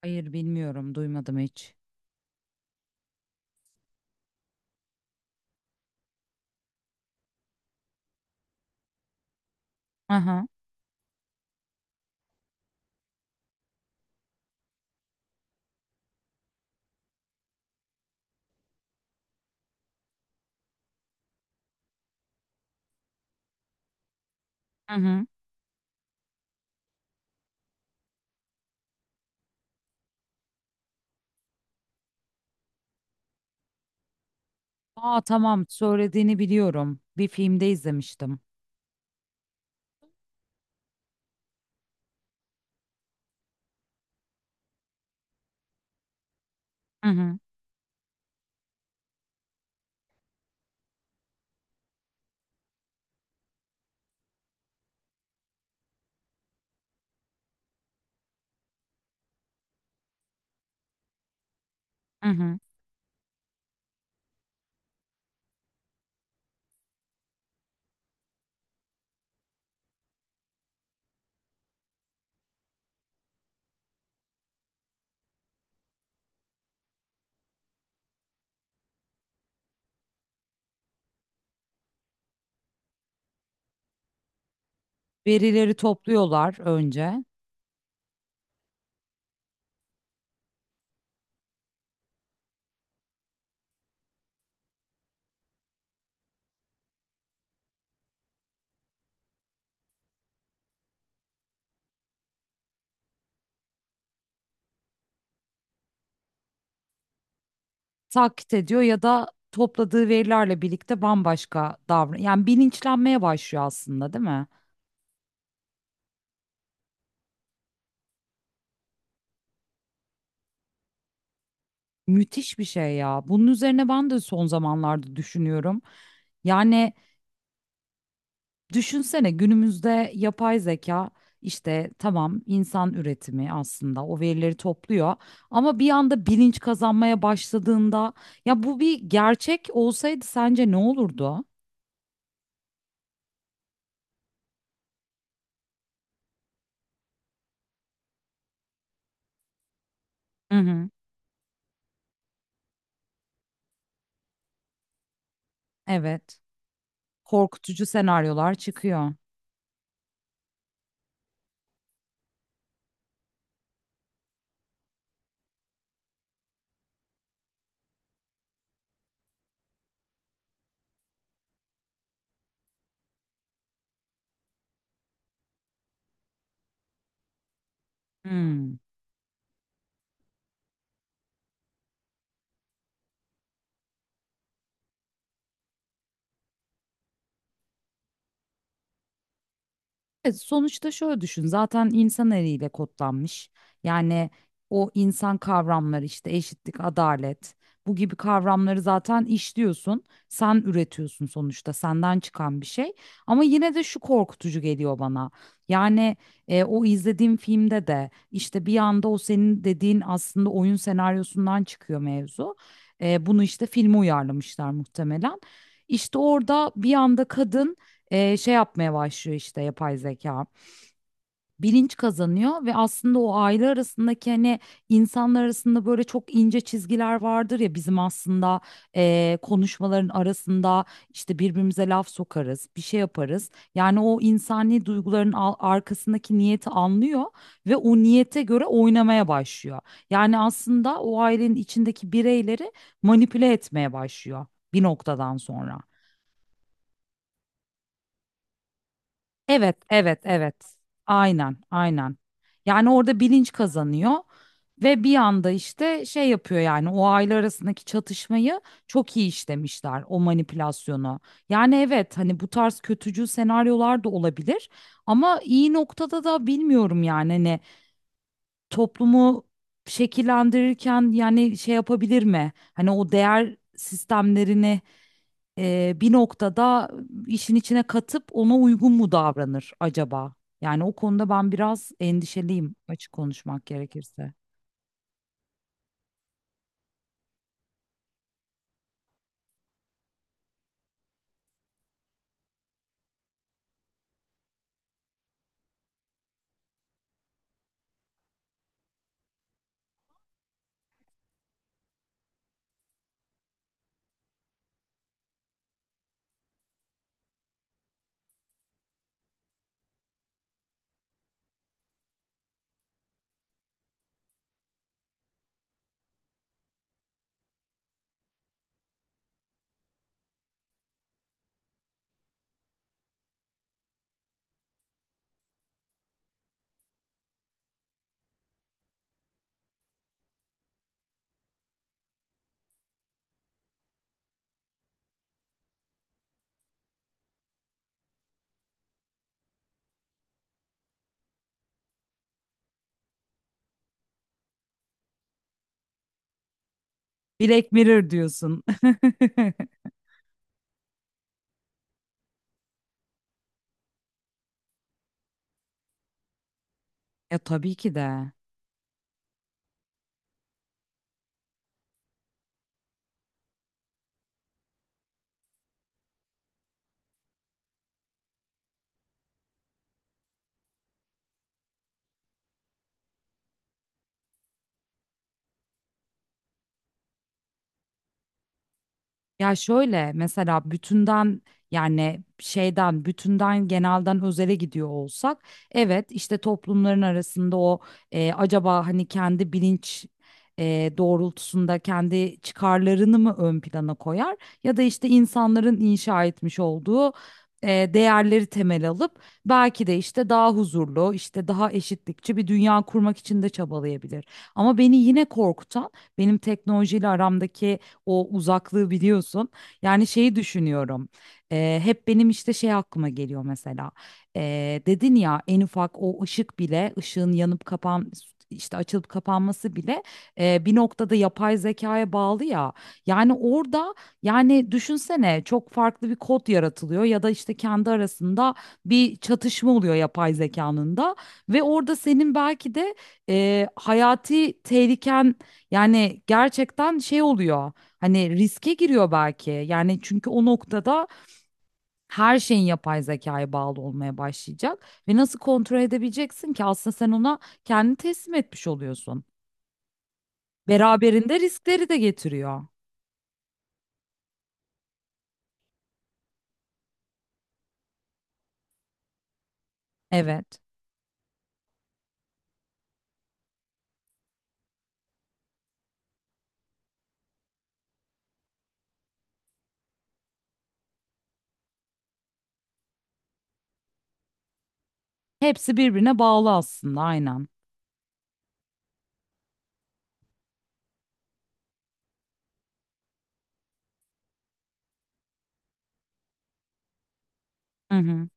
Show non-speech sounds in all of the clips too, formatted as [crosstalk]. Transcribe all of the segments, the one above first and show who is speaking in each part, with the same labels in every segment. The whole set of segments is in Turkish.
Speaker 1: Hayır bilmiyorum, duymadım hiç. Aha, hı hı. Aa tamam, söylediğini biliyorum. Bir filmde izlemiştim. Hı hı, hı hı. Verileri topluyorlar önce. Taklit ediyor ya da topladığı verilerle birlikte bambaşka davran. Yani bilinçlenmeye başlıyor aslında, değil mi? Müthiş bir şey ya. Bunun üzerine ben de son zamanlarda düşünüyorum. Yani düşünsene, günümüzde yapay zeka, işte tamam, insan üretimi aslında, o verileri topluyor ama bir anda bilinç kazanmaya başladığında, ya bu bir gerçek olsaydı sence ne olurdu? Hı hı. Evet. Korkutucu senaryolar çıkıyor. Hmm. Sonuçta şöyle düşün, zaten insan eliyle kodlanmış, yani o insan kavramları, işte eşitlik, adalet, bu gibi kavramları zaten işliyorsun, sen üretiyorsun, sonuçta senden çıkan bir şey, ama yine de şu korkutucu geliyor bana. Yani o izlediğim filmde de işte bir anda o senin dediğin aslında oyun senaryosundan çıkıyor mevzu. E, bunu işte filme uyarlamışlar muhtemelen. İşte orada bir anda kadın, şey yapmaya başlıyor işte yapay zeka. Bilinç kazanıyor ve aslında o aile arasındaki, hani insanlar arasında böyle çok ince çizgiler vardır ya bizim aslında, konuşmaların arasında, işte birbirimize laf sokarız, bir şey yaparız. Yani o insani duyguların arkasındaki niyeti anlıyor ve o niyete göre oynamaya başlıyor. Yani aslında o ailenin içindeki bireyleri manipüle etmeye başlıyor bir noktadan sonra. Evet, evet, evet. Aynen, aynen. Yani orada bilinç kazanıyor ve bir anda işte şey yapıyor, yani o aile arasındaki çatışmayı çok iyi işlemişler, o manipülasyonu. Yani evet, hani bu tarz kötücül senaryolar da olabilir ama iyi noktada da bilmiyorum, yani hani toplumu şekillendirirken yani şey yapabilir mi? Hani o değer sistemlerini bir noktada işin içine katıp ona uygun mu davranır acaba? Yani o konuda ben biraz endişeliyim, açık konuşmak gerekirse. Black Mirror diyorsun. [laughs] Ya tabii ki de. Ya şöyle mesela bütünden, yani bütünden genelden özele gidiyor olsak, evet işte toplumların arasında o, acaba hani kendi bilinç doğrultusunda kendi çıkarlarını mı ön plana koyar, ya da işte insanların inşa etmiş olduğu e, değerleri temel alıp belki de işte daha huzurlu, işte daha eşitlikçi bir dünya kurmak için de çabalayabilir. Ama beni yine korkutan, benim teknolojiyle aramdaki o uzaklığı biliyorsun. Yani şeyi düşünüyorum. Hep benim işte şey aklıma geliyor mesela. Dedin ya, en ufak o ışık bile, ışığın yanıp kapan, işte açılıp kapanması bile bir noktada yapay zekaya bağlı ya. Yani orada, yani düşünsene, çok farklı bir kod yaratılıyor ya da işte kendi arasında bir çatışma oluyor yapay zekanın da, ve orada senin belki de hayati tehliken, yani gerçekten şey oluyor. Hani riske giriyor belki. Yani çünkü o noktada her şeyin yapay zekaya bağlı olmaya başlayacak ve nasıl kontrol edebileceksin ki, aslında sen ona kendini teslim etmiş oluyorsun. Beraberinde riskleri de getiriyor. Evet. Hepsi birbirine bağlı aslında, aynen. Hı hı.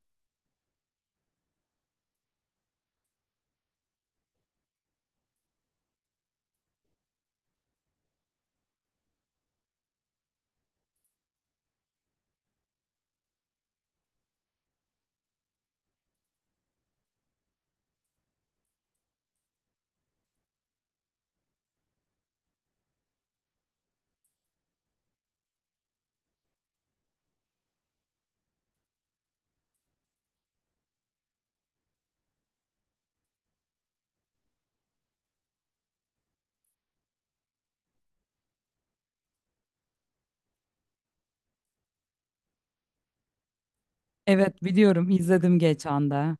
Speaker 1: Evet, biliyorum, izledim geçen de.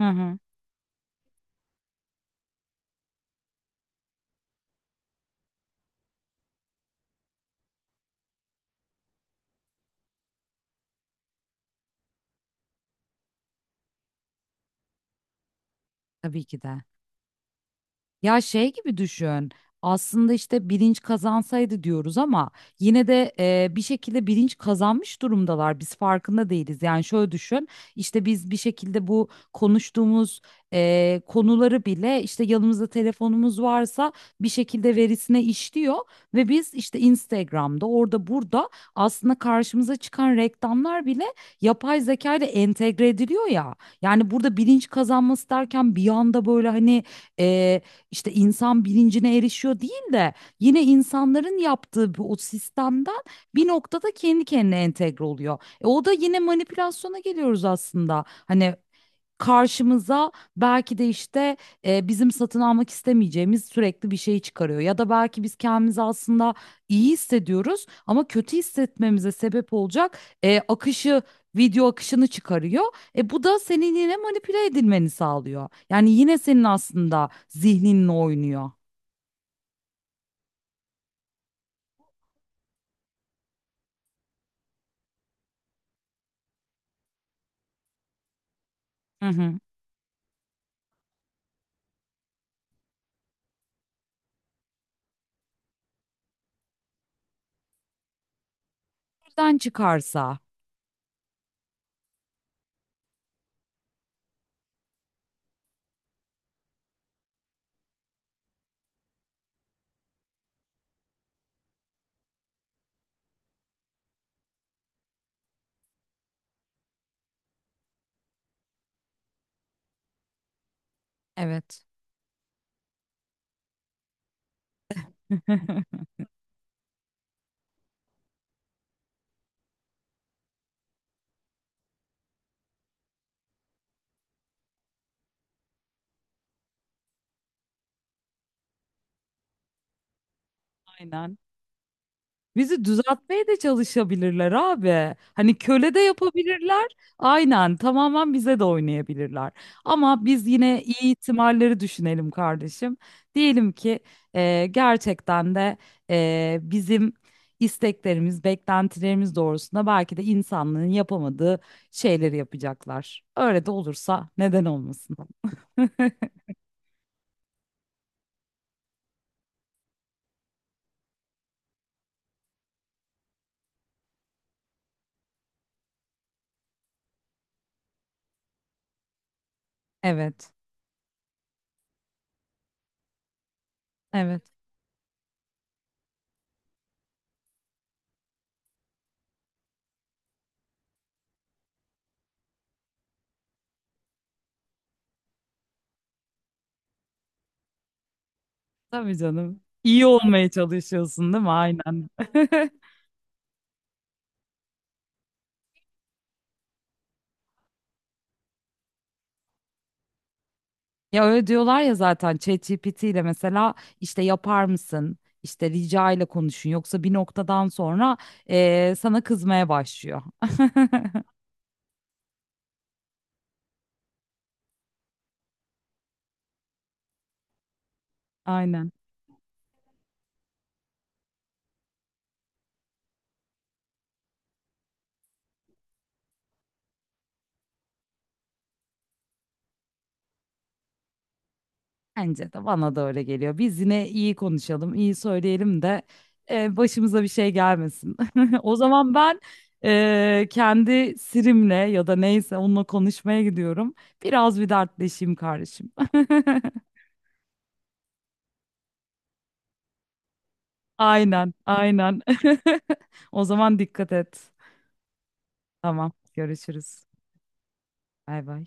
Speaker 1: Hı hı. Tabii ki de. Ya şey gibi düşün. Aslında işte bilinç kazansaydı diyoruz ama yine de bir şekilde bilinç kazanmış durumdalar. Biz farkında değiliz. Yani şöyle düşün. İşte biz bir şekilde bu konuştuğumuz konuları bile, işte yanımızda telefonumuz varsa bir şekilde verisine işliyor ve biz işte Instagram'da orada burada aslında karşımıza çıkan reklamlar bile yapay zeka ile entegre ediliyor ya. Yani burada bilinç kazanması derken bir anda böyle hani, e, işte insan bilincine erişiyor değil de, yine insanların yaptığı bu o sistemden bir noktada kendi kendine entegre oluyor. E, o da yine manipülasyona geliyoruz aslında. Hani karşımıza belki de işte, bizim satın almak istemeyeceğimiz sürekli bir şey çıkarıyor. Ya da belki biz kendimizi aslında iyi hissediyoruz ama kötü hissetmemize sebep olacak akışı, video akışını çıkarıyor. E bu da senin yine manipüle edilmeni sağlıyor. Yani yine senin aslında zihninle oynuyor. Hı hı. Nereden çıkarsa. Evet. [laughs] Aynen. Bizi düzeltmeye de çalışabilirler abi. Hani köle de yapabilirler. Aynen, tamamen bize de oynayabilirler. Ama biz yine iyi ihtimalleri düşünelim kardeşim. Diyelim ki gerçekten de bizim isteklerimiz, beklentilerimiz doğrusunda belki de insanlığın yapamadığı şeyleri yapacaklar. Öyle de olursa neden olmasın? [laughs] Evet, evet. Tabii canım. İyi olmaya çalışıyorsun değil mi? Aynen. [laughs] Ya öyle diyorlar ya zaten, ChatGPT ile mesela işte yapar mısın, İşte rica ile konuşun, yoksa bir noktadan sonra sana kızmaya başlıyor. Aynen. Bence de, bana da öyle geliyor. Biz yine iyi konuşalım, iyi söyleyelim de başımıza bir şey gelmesin. [laughs] O zaman ben kendi Siri'mle ya da neyse onunla konuşmaya gidiyorum. Biraz bir dertleşeyim kardeşim. [laughs] Aynen, aynen. [laughs] O zaman dikkat et. Tamam, görüşürüz. Bay bay.